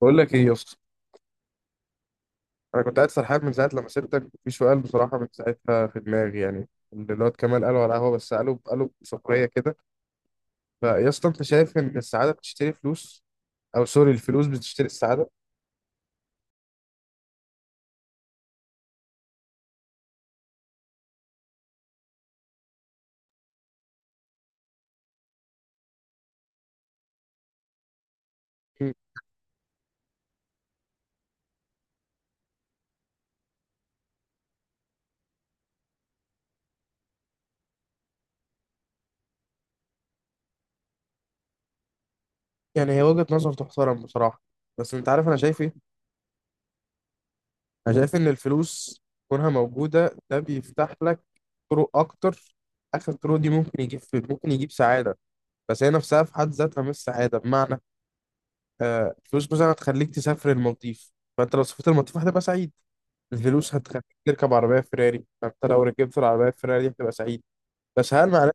بقول لك ايه يا اسطى. انا كنت قاعد سرحان من ساعه لما سبتك في سؤال، بصراحه من ساعتها في دماغي، يعني اللي الواد كمال قاله على القهوه، بس قاله بسخريه كده. فيا اسطى، انت شايف ان السعاده بتشتري فلوس، او سوري، الفلوس بتشتري السعاده؟ مم. يعني هي وجهه نظر تحترم بصراحه، بس انت عارف انا شايف ايه؟ انا شايف ان الفلوس كونها موجوده ده بيفتح لك طرق اكتر، اخر الطرق دي ممكن يجيب، ممكن يجيب سعاده، بس هي نفسها في حد ذاتها مش سعاده. بمعنى آه، الفلوس مثلا هتخليك تسافر المالديف، فانت لو سافرت المالديف هتبقى سعيد. الفلوس هتخليك تركب عربيه فيراري، فانت لو ركبت العربيه فيراري هتبقى سعيد. بس هل معناه؟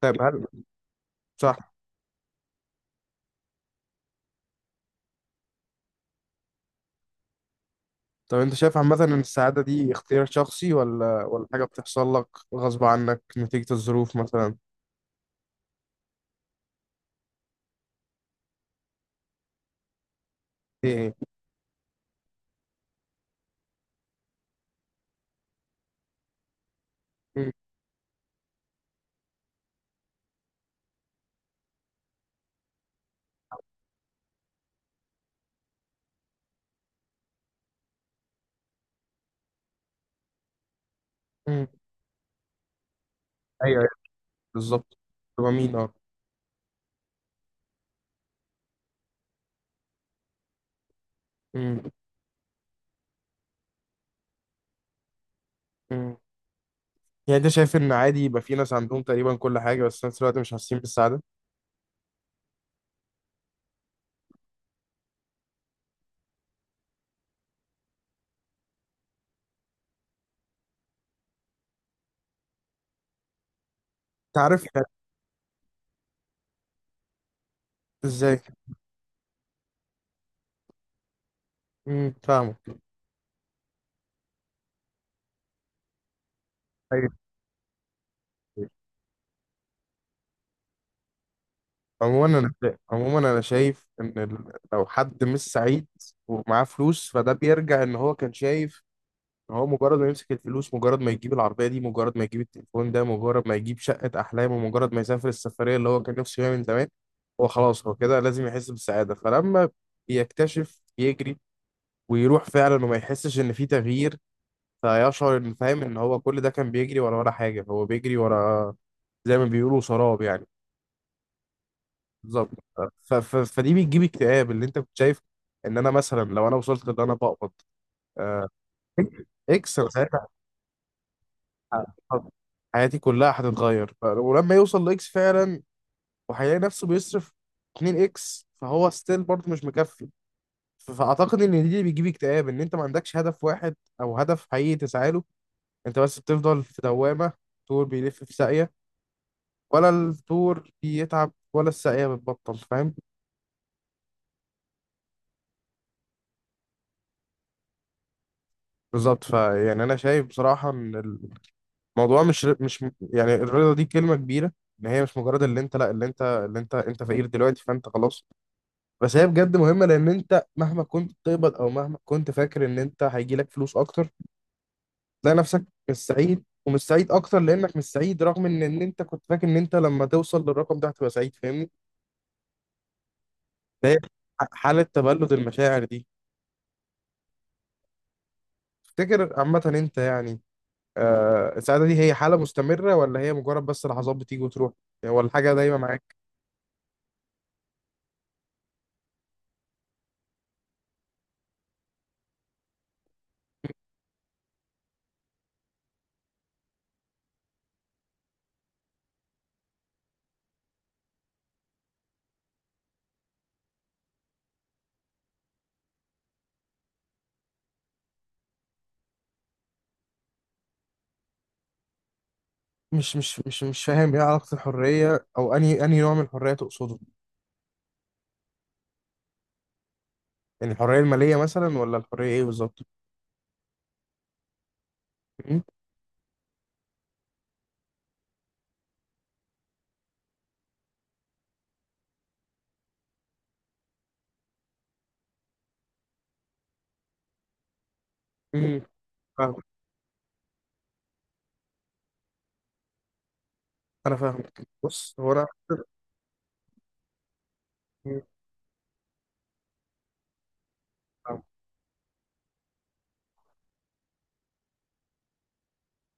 طيب هل صح؟ طب انت شايف عامه ان السعاده دي اختيار شخصي ولا حاجه بتحصل لك غصب عنك نتيجه الظروف مثلا؟ ايه. مم، مم. ايوه، أيوة، بالظبط. تبقى مين اه. مم، مم. يعني انت شايف ان عادي يبقى في ناس عندهم تقريبا كل حاجه، بس في نفس الوقت مش حاسين بالسعاده؟ انت عارف يعني؟ ازاي؟ فاهمك. ايوه. عموما عموما انا شايف ان لو حد مش سعيد ومعاه فلوس، فده بيرجع ان هو كان شايف ان هو مجرد ما يمسك الفلوس، مجرد ما يجيب العربيه دي، مجرد ما يجيب التليفون ده، مجرد ما يجيب شقه احلامه، مجرد ما يسافر السفريه اللي هو كان نفسه يعمل من زمان، هو خلاص هو كده لازم يحس بالسعاده. فلما بيكتشف يجري ويروح فعلا وما يحسش ان في تغيير، فيشعر ان، فاهم ان هو كل ده كان بيجري ورا ولا حاجه، هو بيجري ورا زي ما بيقولوا سراب يعني. بالظبط. فدي بتجيب اكتئاب، اللي انت كنت شايف ان انا مثلا لو انا وصلت ان انا بقبض آه، اكس، انا ساعتها ه- حياتي كلها هتتغير. ولما يوصل لاكس فعلا وهيلاقي نفسه بيصرف 2 اكس، فهو ستيل برضه مش مكفي. فاعتقد ان دي اللي بيجيب اكتئاب، ان انت ما عندكش هدف واحد او هدف حقيقي تسعى له، انت بس بتفضل في دوامه، طول بيلف في ساقيه، ولا الطور بيتعب ولا الساقيه بتبطل، فاهم؟ بالظبط. فيعني انا شايف بصراحه ان موضوع مش يعني الرضا، دي كلمة كبيرة. ان هي مش مجرد اللي انت، لا، اللي انت، اللي انت انت فقير دلوقتي فانت خلاص، بس هي بجد مهمة. لان انت مهما كنت بتقبض او مهما كنت فاكر ان انت هيجي لك فلوس اكتر، تلاقي نفسك مش سعيد، ومش سعيد اكتر لانك مش سعيد، رغم ان انت كنت فاكر ان انت لما توصل للرقم ده هتبقى سعيد، فاهمني؟ فهي حالة تبلد المشاعر دي، تفتكر عامة انت يعني آه السعادة دي هي حالة مستمرة، ولا هي مجرد بس لحظات بتيجي وتروح، يعني ولا حاجة دايما معاك؟ مش فاهم ايه علاقة الحرية، او انهي نوع من الحرية تقصده؟ يعني الحرية المالية مثلا، ولا الحرية ايه بالظبط؟ مم. مم. فاهم. انا فاهم. بص هو انا، مم. فاهم.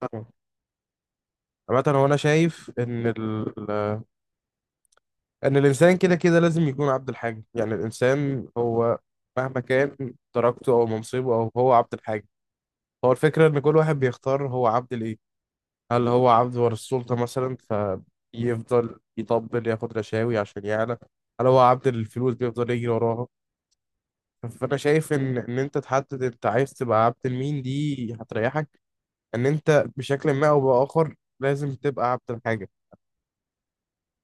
فاهم. عامة هو انا شايف ان ان الانسان كده كده لازم يكون عبد الحاجة. يعني الانسان هو مهما كان درجته او منصبه، او هو عبد الحاجة، هو الفكرة ان كل واحد بيختار هو عبد لايه. هل هو عبد ور السلطة مثلا، فيفضل يطبل، ياخد رشاوي عشان يعلى؟ هل هو عبد الفلوس بيفضل يجري وراها؟ فأنا شايف إن أنت تحدد أنت عايز تبقى عبد لمين، دي هتريحك. إن أنت بشكل ما أو بآخر لازم تبقى عبد الحاجة،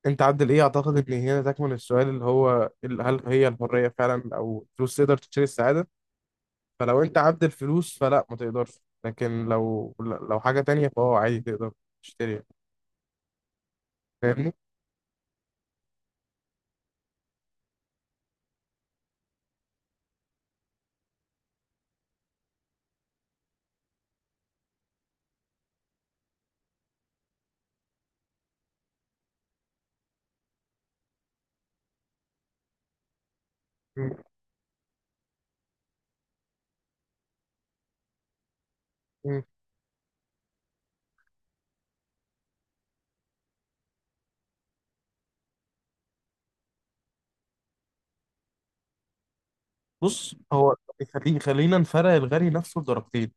أنت عبد الإيه؟ أعتقد إن هنا تكمن السؤال، اللي هو هل هي الحرية فعلا أو الفلوس تقدر تشتري السعادة. فلو أنت عبد الفلوس فلا، ما تقدرش. لكن لو حاجة تانية فهو عادي تقدر تشتريها، فاهمني؟ بص هو، خلينا نفرق الغني نفسه لدرجتين.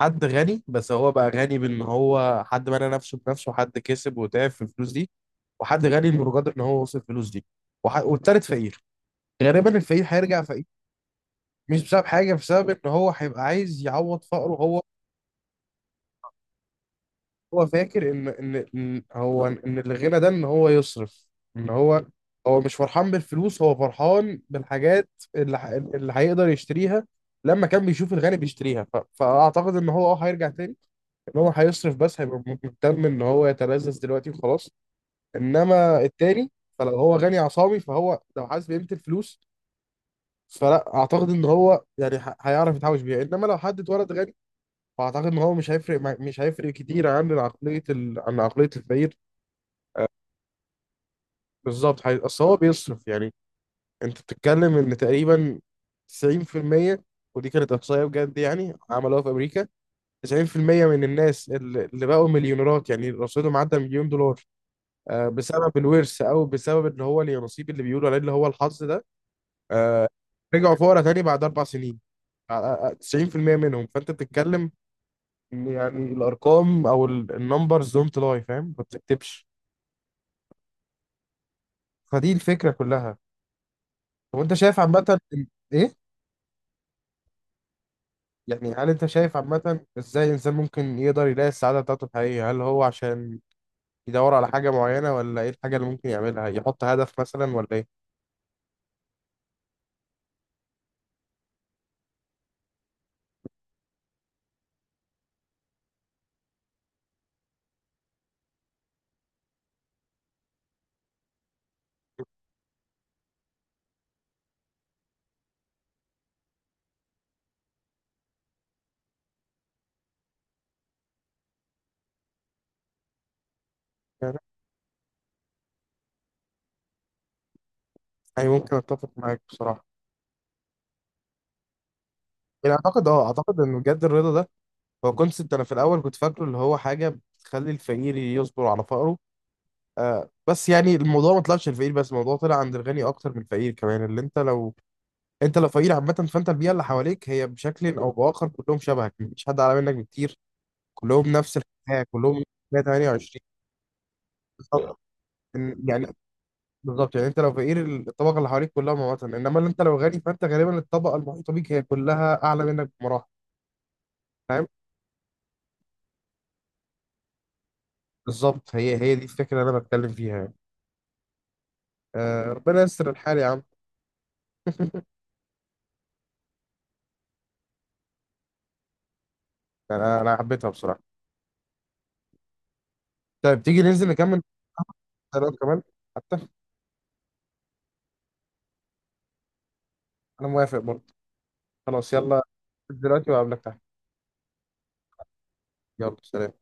حد غني بس هو بقى غني بان هو حد بنى نفسه بنفسه، حد كسب وتعب في الفلوس دي، وحد غني انه قدر ان هو وصل الفلوس دي، والتالت فقير. غالبا الفقير هيرجع فقير، مش بسبب حاجه، بسبب ان هو هيبقى عايز يعوض فقره. هو هو فاكر ان ان إن هو ان الغنى ده ان هو يصرف، ان هو، هو مش فرحان بالفلوس، هو فرحان بالحاجات اللي هيقدر يشتريها. لما كان بيشوف الغني بيشتريها، فاعتقد ان هو اه هيرجع تاني، ان هو هيصرف، بس هيبقى مهتم ان هو يتلذذ دلوقتي وخلاص. انما التاني، فلو هو غني عصامي فهو لو حاسس بقيمة الفلوس، فلا اعتقد ان هو يعني هيعرف يتحوش بيها. انما لو حد اتولد غني، فاعتقد ان هو مش هيفرق كتير عن عقليه عن عقليه الفقير. بالظبط، حقيقي. اصل هو بيصرف يعني، انت بتتكلم ان تقريبا 90% ودي كانت احصائيه بجد يعني عملوها في امريكا، 90% من الناس اللي بقوا مليونيرات، يعني رصيدهم عدى مليون دولار آه، بسبب الورث او بسبب اللي هو النصيب اللي بيقولوا عليه اللي هو الحظ ده، آه، رجعوا فقراء تاني بعد اربع سنين، آه، آه، 90% منهم. فانت بتتكلم إن يعني الارقام او النمبرز دونت لاي، فاهم، ما بتكتبش. فدي الفكره كلها. طب انت شايف عامه ايه، يعني هل انت شايف عامة ازاي الانسان ممكن يقدر يلاقي السعادة بتاعته الحقيقية؟ هل هو عشان يدور على حاجة معينة، ولا ايه الحاجة اللي ممكن يعملها؟ يحط هدف مثلا ولا ايه؟ يعني أي، ممكن اتفق معاك بصراحة. يعني اعتقد اه، اعتقد ان بجد الرضا ده هو كونسبت، انا في الاول كنت فاكره اللي هو حاجة بتخلي الفقير يصبر على فقره، آه بس يعني الموضوع ما طلعش الفقير بس، الموضوع طلع عند الغني اكتر من الفقير كمان. اللي انت لو، انت لو فقير عامة، فانت البيئة اللي حواليك هي بشكل او باخر كلهم شبهك، مفيش حد اعلى منك بكتير، كلهم نفس الحياه كلهم 128. بالظبط. يعني بالظبط، يعني انت لو فقير الطبقه اللي حواليك كلها مواطن، انما اللي انت لو غني، فانت غالبا الطبقه المحيطه بيك هي كلها اعلى منك بمراحل، فاهم؟ بالظبط. هي هي دي الفكره اللي انا بتكلم فيها يعني. آه، ربنا يستر الحال يا عم. يعني انا حبيتها بصراحه. طيب تيجي ننزل نكمل كلام كمان حتى؟ انا موافق برضه. خلاص يلا، دلوقتي وقابلك تحت. يلا سلام.